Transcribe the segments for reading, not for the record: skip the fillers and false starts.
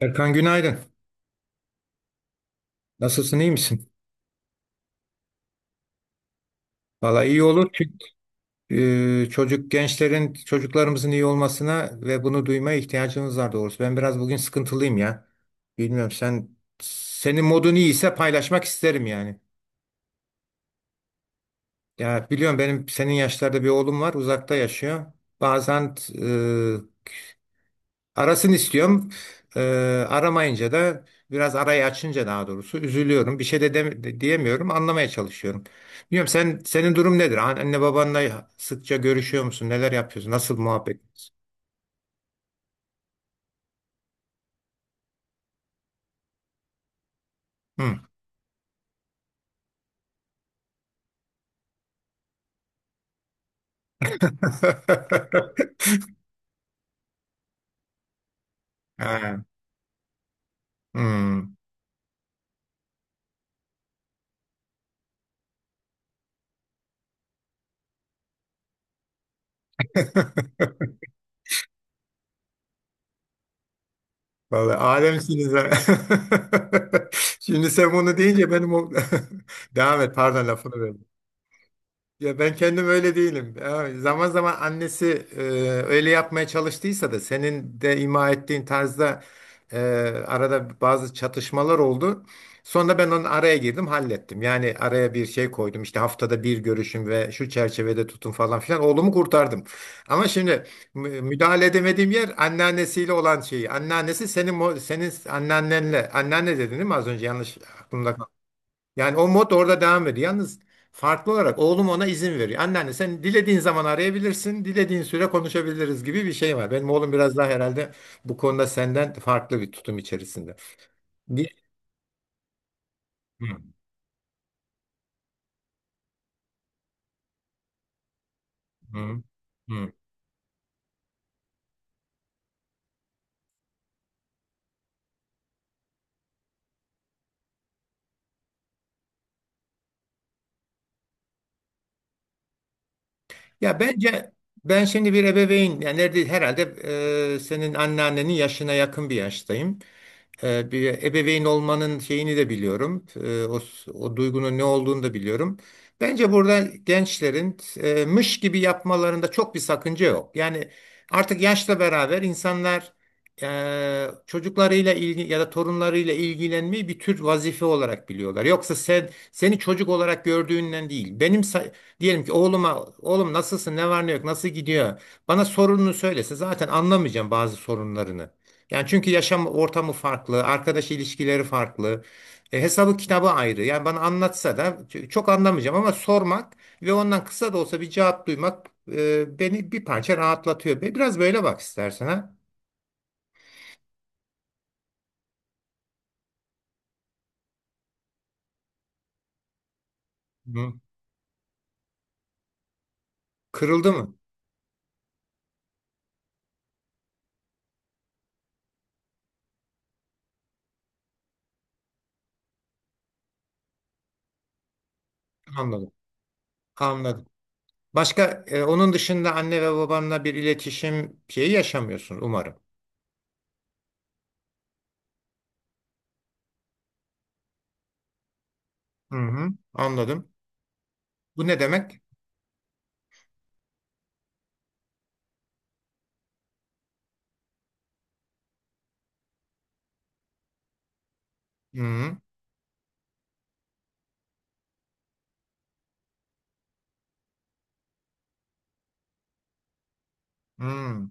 Erkan günaydın. Nasılsın, iyi misin? Valla iyi olur çünkü çocuk gençlerin, çocuklarımızın iyi olmasına ve bunu duymaya ihtiyacımız var doğrusu. Ben biraz bugün sıkıntılıyım ya. Bilmiyorum sen, senin modun iyiyse paylaşmak isterim yani. Ya biliyorum benim senin yaşlarda bir oğlum var, uzakta yaşıyor. Bazen e, arasını istiyorum. Ee, Aramayınca da biraz arayı açınca daha doğrusu üzülüyorum. Bir şey de, diyemiyorum. Anlamaya çalışıyorum. Bilmiyorum sen senin durum nedir? Anne babanla sıkça görüşüyor musun? Neler yapıyorsun? Nasıl muhabbet? Hı. Ha, hmm. Vallahi alemsiniz ha. Şimdi sen bunu deyince benim o... Devam et, pardon, lafını. Ya ben kendim öyle değilim. Ya zaman zaman annesi öyle yapmaya çalıştıysa da senin de ima ettiğin tarzda e, arada bazı çatışmalar oldu. Sonra ben onun araya girdim, hallettim. Yani araya bir şey koydum. İşte haftada bir görüşüm ve şu çerçevede tutun falan filan. Oğlumu kurtardım. Ama şimdi müdahale edemediğim yer anneannesiyle olan şeyi. Anneannesi senin anneannenle. Anneanne dedin değil mi az önce? Yanlış aklımda. Yani o mod orada devam ediyor. Yalnız farklı olarak oğlum ona izin veriyor. Anneanne sen dilediğin zaman arayabilirsin, dilediğin süre konuşabiliriz gibi bir şey var. Benim oğlum biraz daha herhalde bu konuda senden farklı bir tutum içerisinde. Bir... Hı, hı, hı. Ya bence ben şimdi bir ebeveyn yani nerede herhalde senin anneannenin yaşına yakın bir yaştayım. E, bir ebeveyn olmanın şeyini de biliyorum. E, o duygunun ne olduğunu da biliyorum. Bence burada gençlerin mış gibi yapmalarında çok bir sakınca yok. Yani artık yaşla beraber insanlar çocuklarıyla ilgi ya da torunlarıyla ilgilenmeyi bir tür vazife olarak biliyorlar. Yoksa sen seni çocuk olarak gördüğünden değil. Diyelim ki oğluma oğlum nasılsın ne var ne yok nasıl gidiyor, bana sorununu söylese zaten anlamayacağım bazı sorunlarını. Yani çünkü yaşam ortamı farklı, arkadaş ilişkileri farklı, hesabı kitabı ayrı. Yani bana anlatsa da çok anlamayacağım ama sormak ve ondan kısa da olsa bir cevap duymak beni bir parça rahatlatıyor. Biraz böyle bak istersen ha. Hı. Kırıldı mı? Anladım. Anladım. Başka onun dışında anne ve babanla bir iletişim şeyi yaşamıyorsun umarım. Hı hı, anladım. Bu ne demek? Hmm, hmm,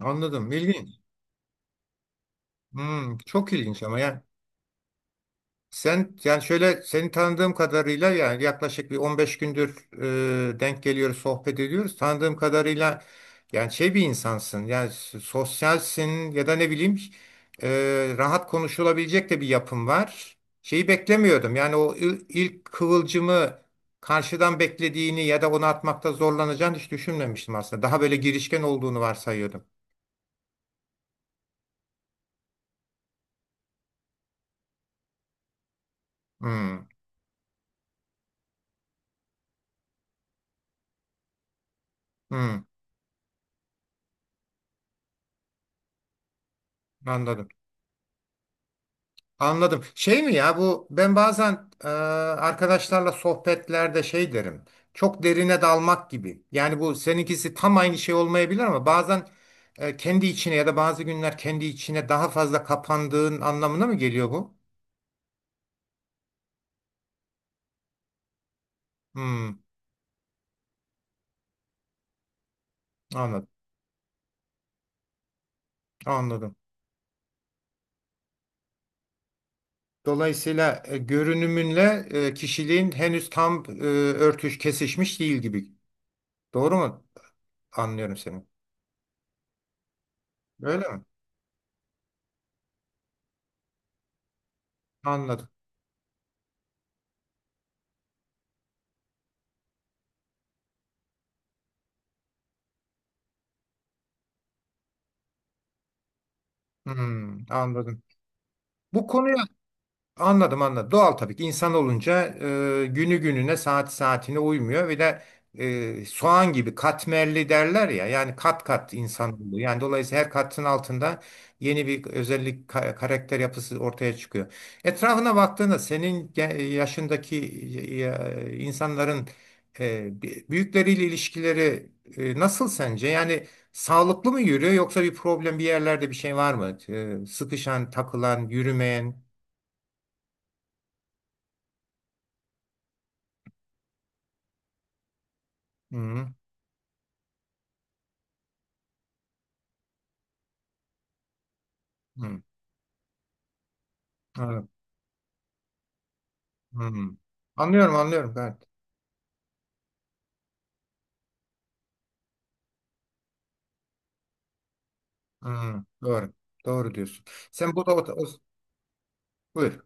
anladım. İlginç. Hmm, çok ilginç ama yani sen yani şöyle seni tanıdığım kadarıyla yani yaklaşık bir 15 gündür denk geliyoruz, sohbet ediyoruz. Tanıdığım kadarıyla yani şey bir insansın. Yani sosyalsin ya da ne bileyim rahat konuşulabilecek de bir yapım var. Şeyi beklemiyordum. Yani o ilk kıvılcımı karşıdan beklediğini ya da onu atmakta zorlanacağını hiç düşünmemiştim aslında. Daha böyle girişken olduğunu varsayıyordum. Hmm, hmm, anladım. Anladım. Şey mi ya bu, ben bazen arkadaşlarla sohbetlerde şey derim. Çok derine dalmak gibi. Yani bu seninkisi tam aynı şey olmayabilir ama bazen kendi içine ya da bazı günler kendi içine daha fazla kapandığın anlamına mı geliyor bu? Hmm, anladım. Anladım. Dolayısıyla görünümünle kişiliğin henüz tam örtüş kesişmiş değil gibi. Doğru mu? Anlıyorum seni. Öyle mi? Anladım. Hmm, anladım. Bu konuya anladım, anladım. Doğal tabii ki insan olunca günü gününe saat saatine uymuyor ve de soğan gibi katmerli derler ya yani kat kat insan oluyor. Yani dolayısıyla her katın altında yeni bir özellik karakter yapısı ortaya çıkıyor. Etrafına baktığında senin yaşındaki insanların büyükleriyle ilişkileri nasıl sence? Yani sağlıklı mı yürüyor yoksa bir problem bir yerlerde bir şey var mı? E, sıkışan, takılan, yürümeyen. Hı hı. Hı. Anladım. Hı. Anlıyorum anlıyorum gayet. Hı. Doğru. Doğru diyorsun. Sen bu da buyur.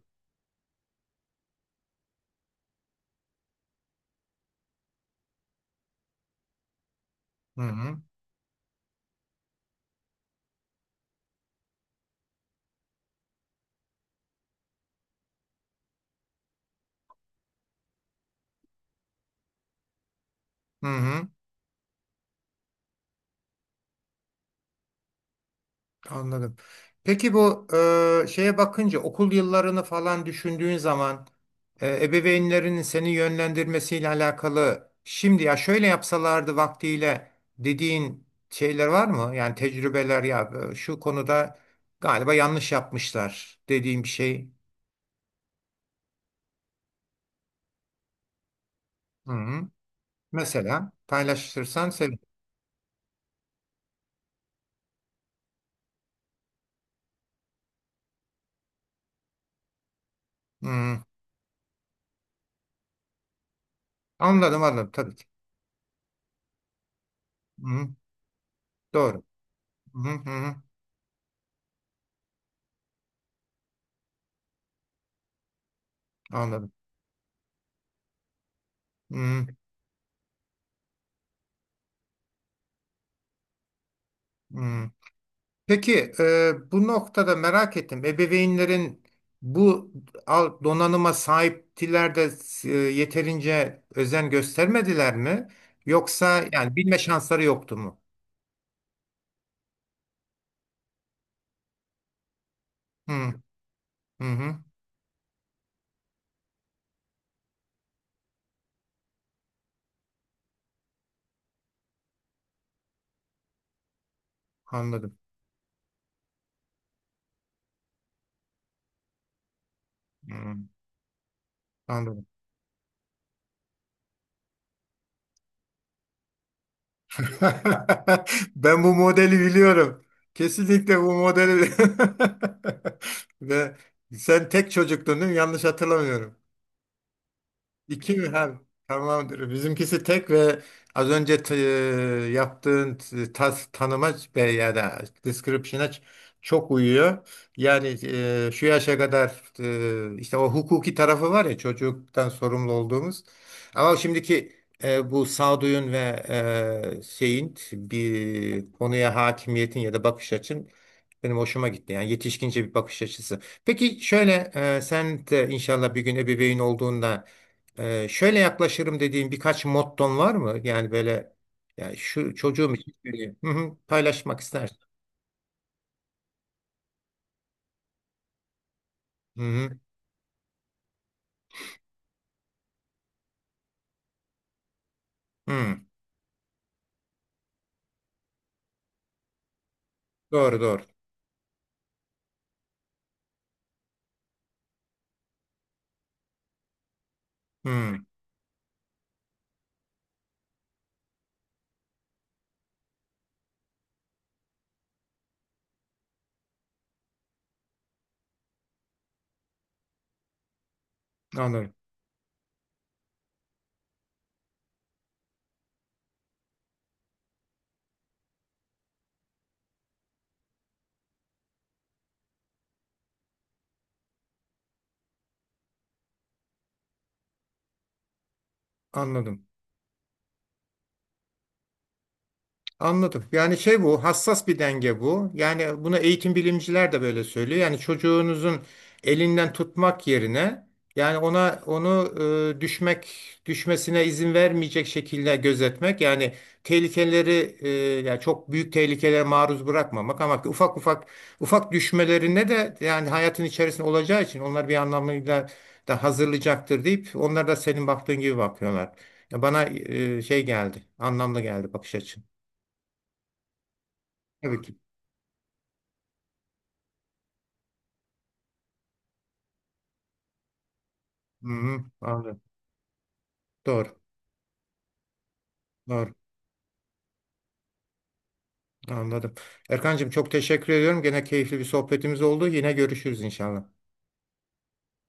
Hı hı. Hı hı. Anladım. Peki bu şeye bakınca okul yıllarını falan düşündüğün zaman ebeveynlerinin seni yönlendirmesiyle alakalı şimdi ya şöyle yapsalardı vaktiyle dediğin şeyler var mı? Yani tecrübeler ya şu konuda galiba yanlış yapmışlar dediğim bir şey. Hı hı. Mesela paylaşırsan sevinirim. Hmm, anladım anladım tabii ki. Hmm, doğru. Hmm, hmm, anladım. Hmm, hmm. Peki bu noktada merak ettim. Ebeveynlerin bu donanıma sahiptiler de yeterince özen göstermediler mi? Yoksa yani bilme şansları yoktu mu? Hmm, hı hı, anladım. Hmm, anladım. Ben bu modeli biliyorum. Kesinlikle bu modeli. Ve sen tek çocuktun değil mi? Yanlış hatırlamıyorum. İki mi? Ha, tamamdır. Bizimkisi tek ve az önce yaptığın tanıma ve ya da description'a çok uyuyor. Yani şu yaşa kadar işte o hukuki tarafı var ya çocuktan sorumlu olduğumuz. Ama şimdiki bu sağduyun ve şeyin bir konuya hakimiyetin ya da bakış açın benim hoşuma gitti. Yani yetişkince bir bakış açısı. Peki şöyle sen de inşallah bir gün ebeveyn olduğunda şöyle yaklaşırım dediğin birkaç motton var mı? Yani böyle yani şu çocuğum için söyleyeyim. Hı hı, paylaşmak istersin. Hı hı, hı. Doğru doğru. Hı, anladım. Anladım. Anladım. Yani şey bu, hassas bir denge bu. Yani buna eğitim bilimciler de böyle söylüyor. Yani çocuğunuzun elinden tutmak yerine yani ona onu e, düşmek düşmesine izin vermeyecek şekilde gözetmek. Yani tehlikeleri yani çok büyük tehlikelere maruz bırakmamak ama ufak ufak ufak düşmelerine de yani hayatın içerisinde olacağı için onlar bir anlamıyla da hazırlayacaktır deyip onlar da senin baktığın gibi bakıyorlar. Ya bana şey geldi, anlamlı geldi bakış açın. Tabii ki. Hı-hı, anladım. Doğru. Doğru. Anladım. Erkancığım çok teşekkür ediyorum. Gene keyifli bir sohbetimiz oldu. Yine görüşürüz inşallah.